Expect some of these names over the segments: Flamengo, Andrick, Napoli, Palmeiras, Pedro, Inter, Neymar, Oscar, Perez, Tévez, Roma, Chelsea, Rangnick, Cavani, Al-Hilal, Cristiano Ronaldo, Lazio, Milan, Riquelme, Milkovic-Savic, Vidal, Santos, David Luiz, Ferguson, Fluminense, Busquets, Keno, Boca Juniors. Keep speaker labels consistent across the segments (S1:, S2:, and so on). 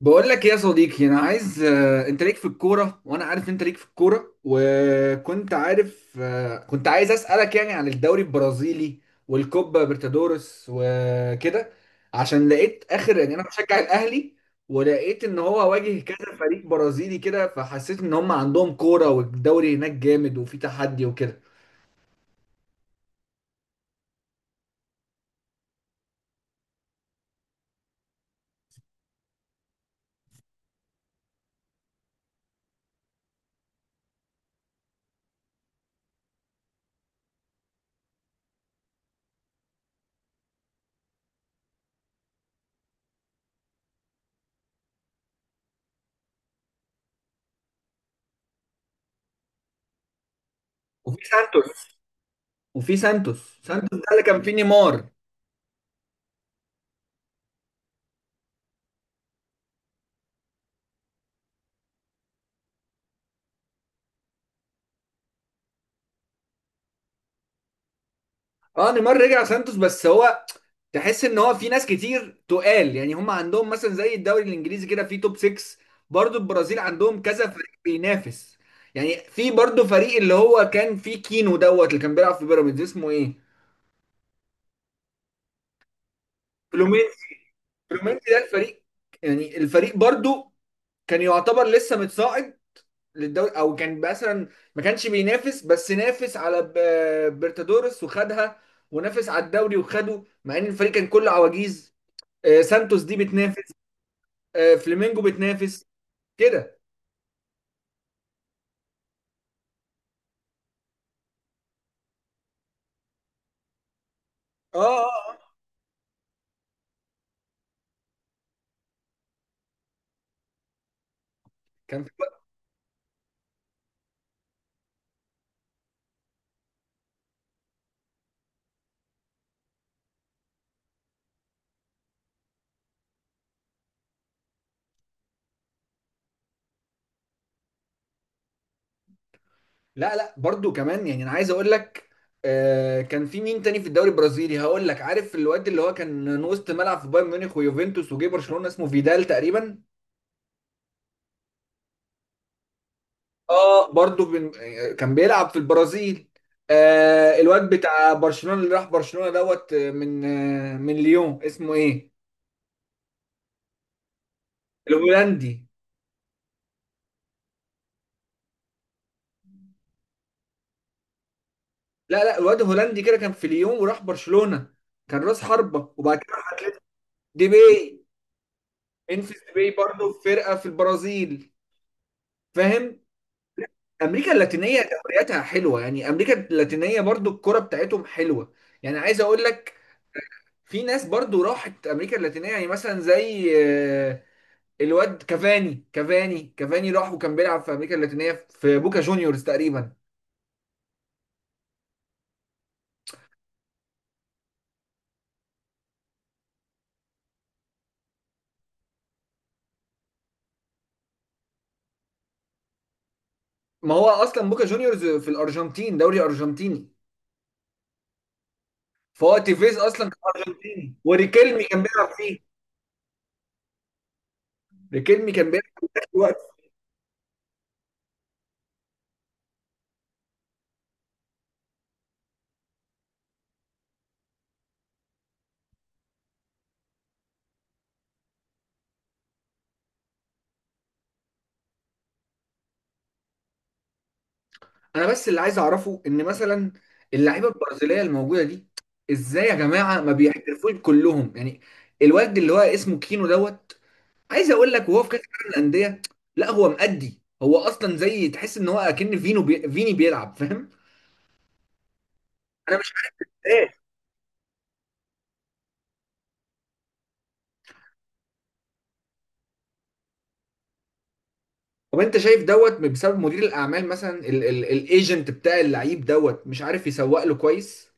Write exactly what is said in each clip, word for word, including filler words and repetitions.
S1: بقول لك إيه يا صديقي، انا عايز آه، انت ليك في الكوره وانا عارف انت ليك في الكوره، وكنت عارف. آه، كنت عايز اسالك يعني عن الدوري البرازيلي والكوبا برتادورس وكده، عشان لقيت اخر. يعني انا بشجع الاهلي ولقيت ان هو واجه كذا فريق برازيلي كده، فحسيت ان هم عندهم كوره والدوري هناك جامد وفي تحدي وكده. وفي سانتوس. وفي سانتوس سانتوس ده اللي كان فيه نيمار. اه نيمار رجع سانتوس، بس هو تحس ان هو في ناس كتير تقال، يعني هم عندهم مثلا زي الدوري الانجليزي كده في توب ستة، برضو البرازيل عندهم كذا فريق بينافس. يعني في برضو فريق اللي هو كان فيه كينو دوت اللي كان بيلعب في بيراميدز، اسمه ايه؟ فلومينسي فلومينسي ده الفريق. يعني الفريق برضو كان يعتبر لسه متصاعد للدوري، او كان مثلا ما كانش بينافس، بس نافس على ب- بيرتادورس وخدها، ونافس على الدوري وخده، مع ان الفريق كان كله عواجيز. آه، سانتوس دي بتنافس. آه، فلامينجو بتنافس كده. اه اه. آه. كان في لا لا، برضو كمان يعني انا عايز اقول لك آه، كان في مين تاني في الدوري البرازيلي؟ هقول لك، عارف الواد اللي هو كان وسط ملعب في بايرن ميونخ ويوفنتوس وجه برشلونة اسمه فيدال تقريبا. اه برضو بن... آه، كان بيلعب في البرازيل. آه الواد بتاع برشلونة اللي راح برشلونة دوت آه، من آه، من ليون اسمه ايه؟ الهولندي. لا لا، الواد الهولندي كده كان في ليون وراح برشلونة، كان راس حربة وبعد كده راح. دي باي. انفس دي باي برضه في فرقه في البرازيل، فاهم. امريكا اللاتينيه دورياتها حلوه، يعني امريكا اللاتينيه برضه الكره بتاعتهم حلوه. يعني عايز اقول لك في ناس برضه راحت امريكا اللاتينيه، يعني مثلا زي آه، الواد كافاني. كافاني كافاني راح وكان بيلعب في امريكا اللاتينيه في بوكا جونيورز تقريبا. ما هو اصلا بوكا جونيورز في الارجنتين، دوري ارجنتيني. فهو تيفيز اصلا كان ارجنتيني، وريكيلمي كان بيلعب فيه. ريكيلمي كان بيلعب. انا بس اللي عايز اعرفه ان مثلا اللعيبه البرازيليه الموجوده دي، ازاي يا جماعه ما بيحترفوش كلهم يعني؟ الواد اللي هو اسمه كينو دوت عايز اقول لك وهو في كاس العالم للانديه، لا هو مأدي، هو اصلا زي تحس ان هو اكن فينو بي... فيني بيلعب، فاهم. انا مش عارف. طب انت شايف دوت بسبب مدير الاعمال مثلا، الايجنت بتاع اللعيب دوت مش عارف يسوق له كويس؟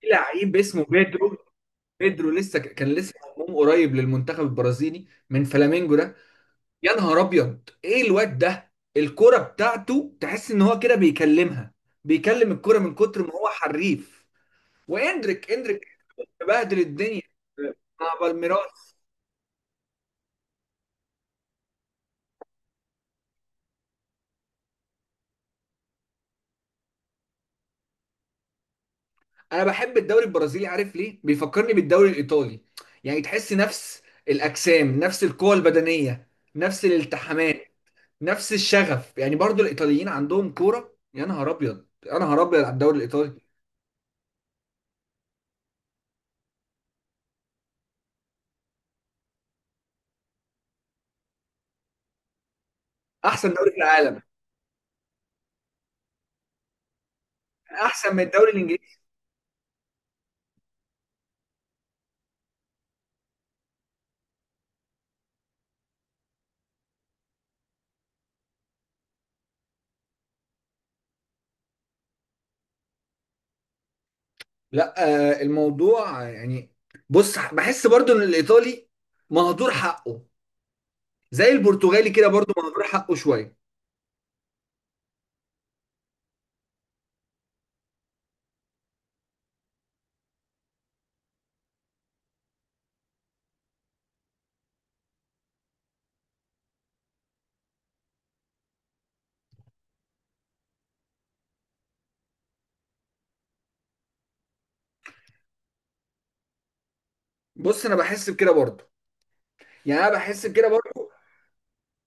S1: في لعيب اسمه بيدرو. بيدرو لسه كان لسه مضموم قريب للمنتخب البرازيلي من فلامينجو ده. يا نهار ابيض ايه الواد ده! الكرة بتاعته تحس ان هو كده بيكلمها، بيكلم الكرة من كتر ما هو حريف. واندريك. اندريك بهدل الدنيا مع بالميراس. انا بحب الدوري البرازيلي، عارف ليه؟ بيفكرني بالدوري الايطالي. يعني تحس نفس الاجسام، نفس القوة البدنية، نفس الالتحامات، نفس الشغف. يعني برضو الايطاليين عندهم كورة، يا نهار ابيض يا نهار ابيض على الدوري الايطالي. احسن دوري في العالم. احسن من الدوري الانجليزي. لا آه، الموضوع يعني بص بحس برضو ان الايطالي مهدور حقه. زي البرتغالي كده برضو مهدور حقه شويه. بص انا بحس بكده برضو، يعني انا بحس بكده برضو.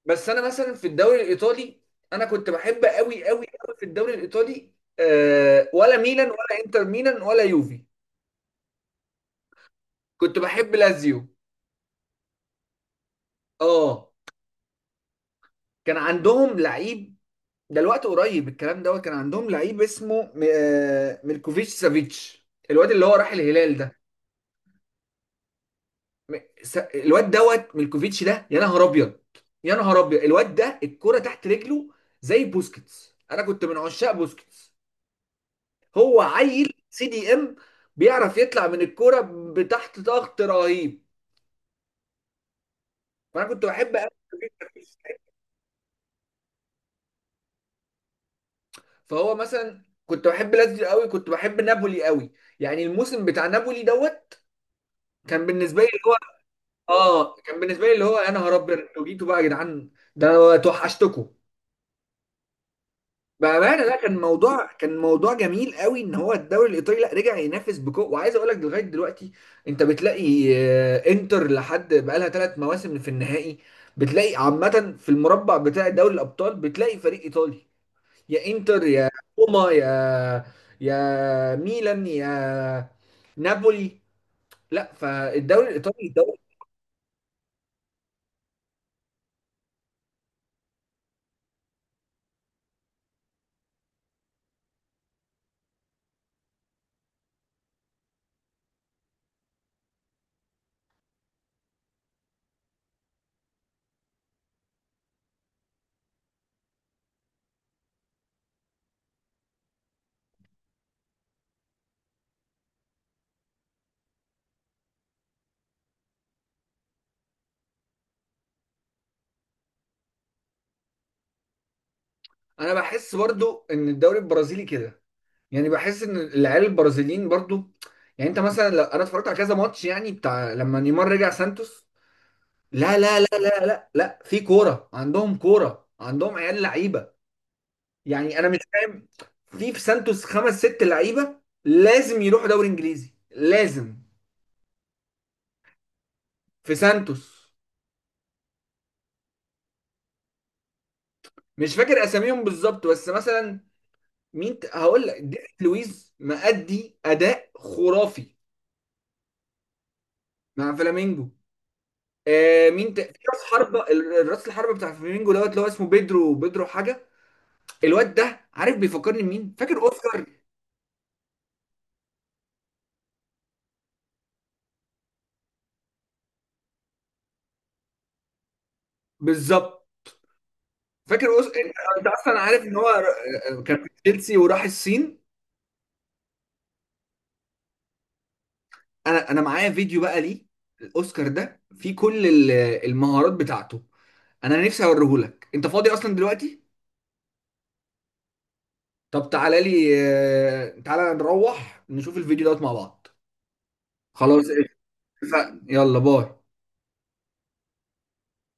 S1: بس انا مثلا في الدوري الايطالي، انا كنت بحب قوي قوي قوي في الدوري الايطالي. آه، ولا ميلان ولا انتر ميلان ولا يوفي. كنت بحب لازيو. اه كان عندهم لعيب، ده الوقت قريب الكلام دوت كان عندهم لعيب اسمه آه ميلكوفيتش سافيتش، الواد اللي هو راح الهلال ده. م- س- الواد دوت ميلكوفيتش ده، يا نهار ابيض يا نهار ابيض الواد ده الكرة تحت رجله. زي بوسكيتس، انا كنت من عشاق بوسكيتس. هو عيل سي دي ام، بيعرف يطلع من الكرة بتحت ضغط رهيب. فانا كنت بحب أوي. فهو مثلا كنت بحب لاتسيو قوي، كنت بحب نابولي قوي. يعني الموسم بتاع نابولي دوت كان بالنسبه لي اللي هو... اه كان بالنسبه لي اللي هو يا نهار ابيض انتوا جيتوا بقى يا جدعان، ده انا توحشتكم! بامانه لا كان موضوع كان موضوع جميل قوي ان هو الدوري الايطالي لا رجع ينافس بقوه. وعايز اقول لك لغايه دلوقتي انت بتلاقي آه، انتر لحد بقالها ثلاث مواسم في النهائي، بتلاقي عامه في المربع بتاع دوري الابطال بتلاقي فريق ايطالي، يا انتر يا روما يا يا ميلان يا نابولي. لا فالدوري الايطالي دوري. انا بحس برضو ان الدوري البرازيلي كده، يعني بحس ان العيال البرازيليين برضو. يعني انت مثلا لو انا اتفرجت على كذا ماتش يعني بتاع لما نيمار رجع سانتوس، لا لا لا لا لا لا، في كوره عندهم، كوره عندهم عيال لعيبه. يعني انا مش فاهم. في في سانتوس خمس ست لعيبه، لازم يروحوا دوري انجليزي لازم. في سانتوس. مش فاكر اساميهم بالظبط، بس مثلا مين ت- هقول لك ديفيد لويز مأدي اداء خرافي مع فلامينجو. آه مين ت... في راس حربة ال- راس الحربة بتاع فلامينجو دوت اللي هو اسمه بيدرو، بيدرو حاجة. الواد ده عارف بيفكرني مين؟ فاكر اوسكار؟ بالظبط. فاكر اوسكار انت، أنت اصلا عارف ان هو ر- كان في تشيلسي وراح الصين. انا انا معايا فيديو بقى ليه، الاوسكار ده فيه كل ال- المهارات بتاعته. انا نفسي اوريهولك، انت فاضي اصلا دلوقتي؟ طب تعالى لي آه، تعالى نروح نشوف الفيديو دوت مع بعض. خلاص اتفقنا، يلا باي.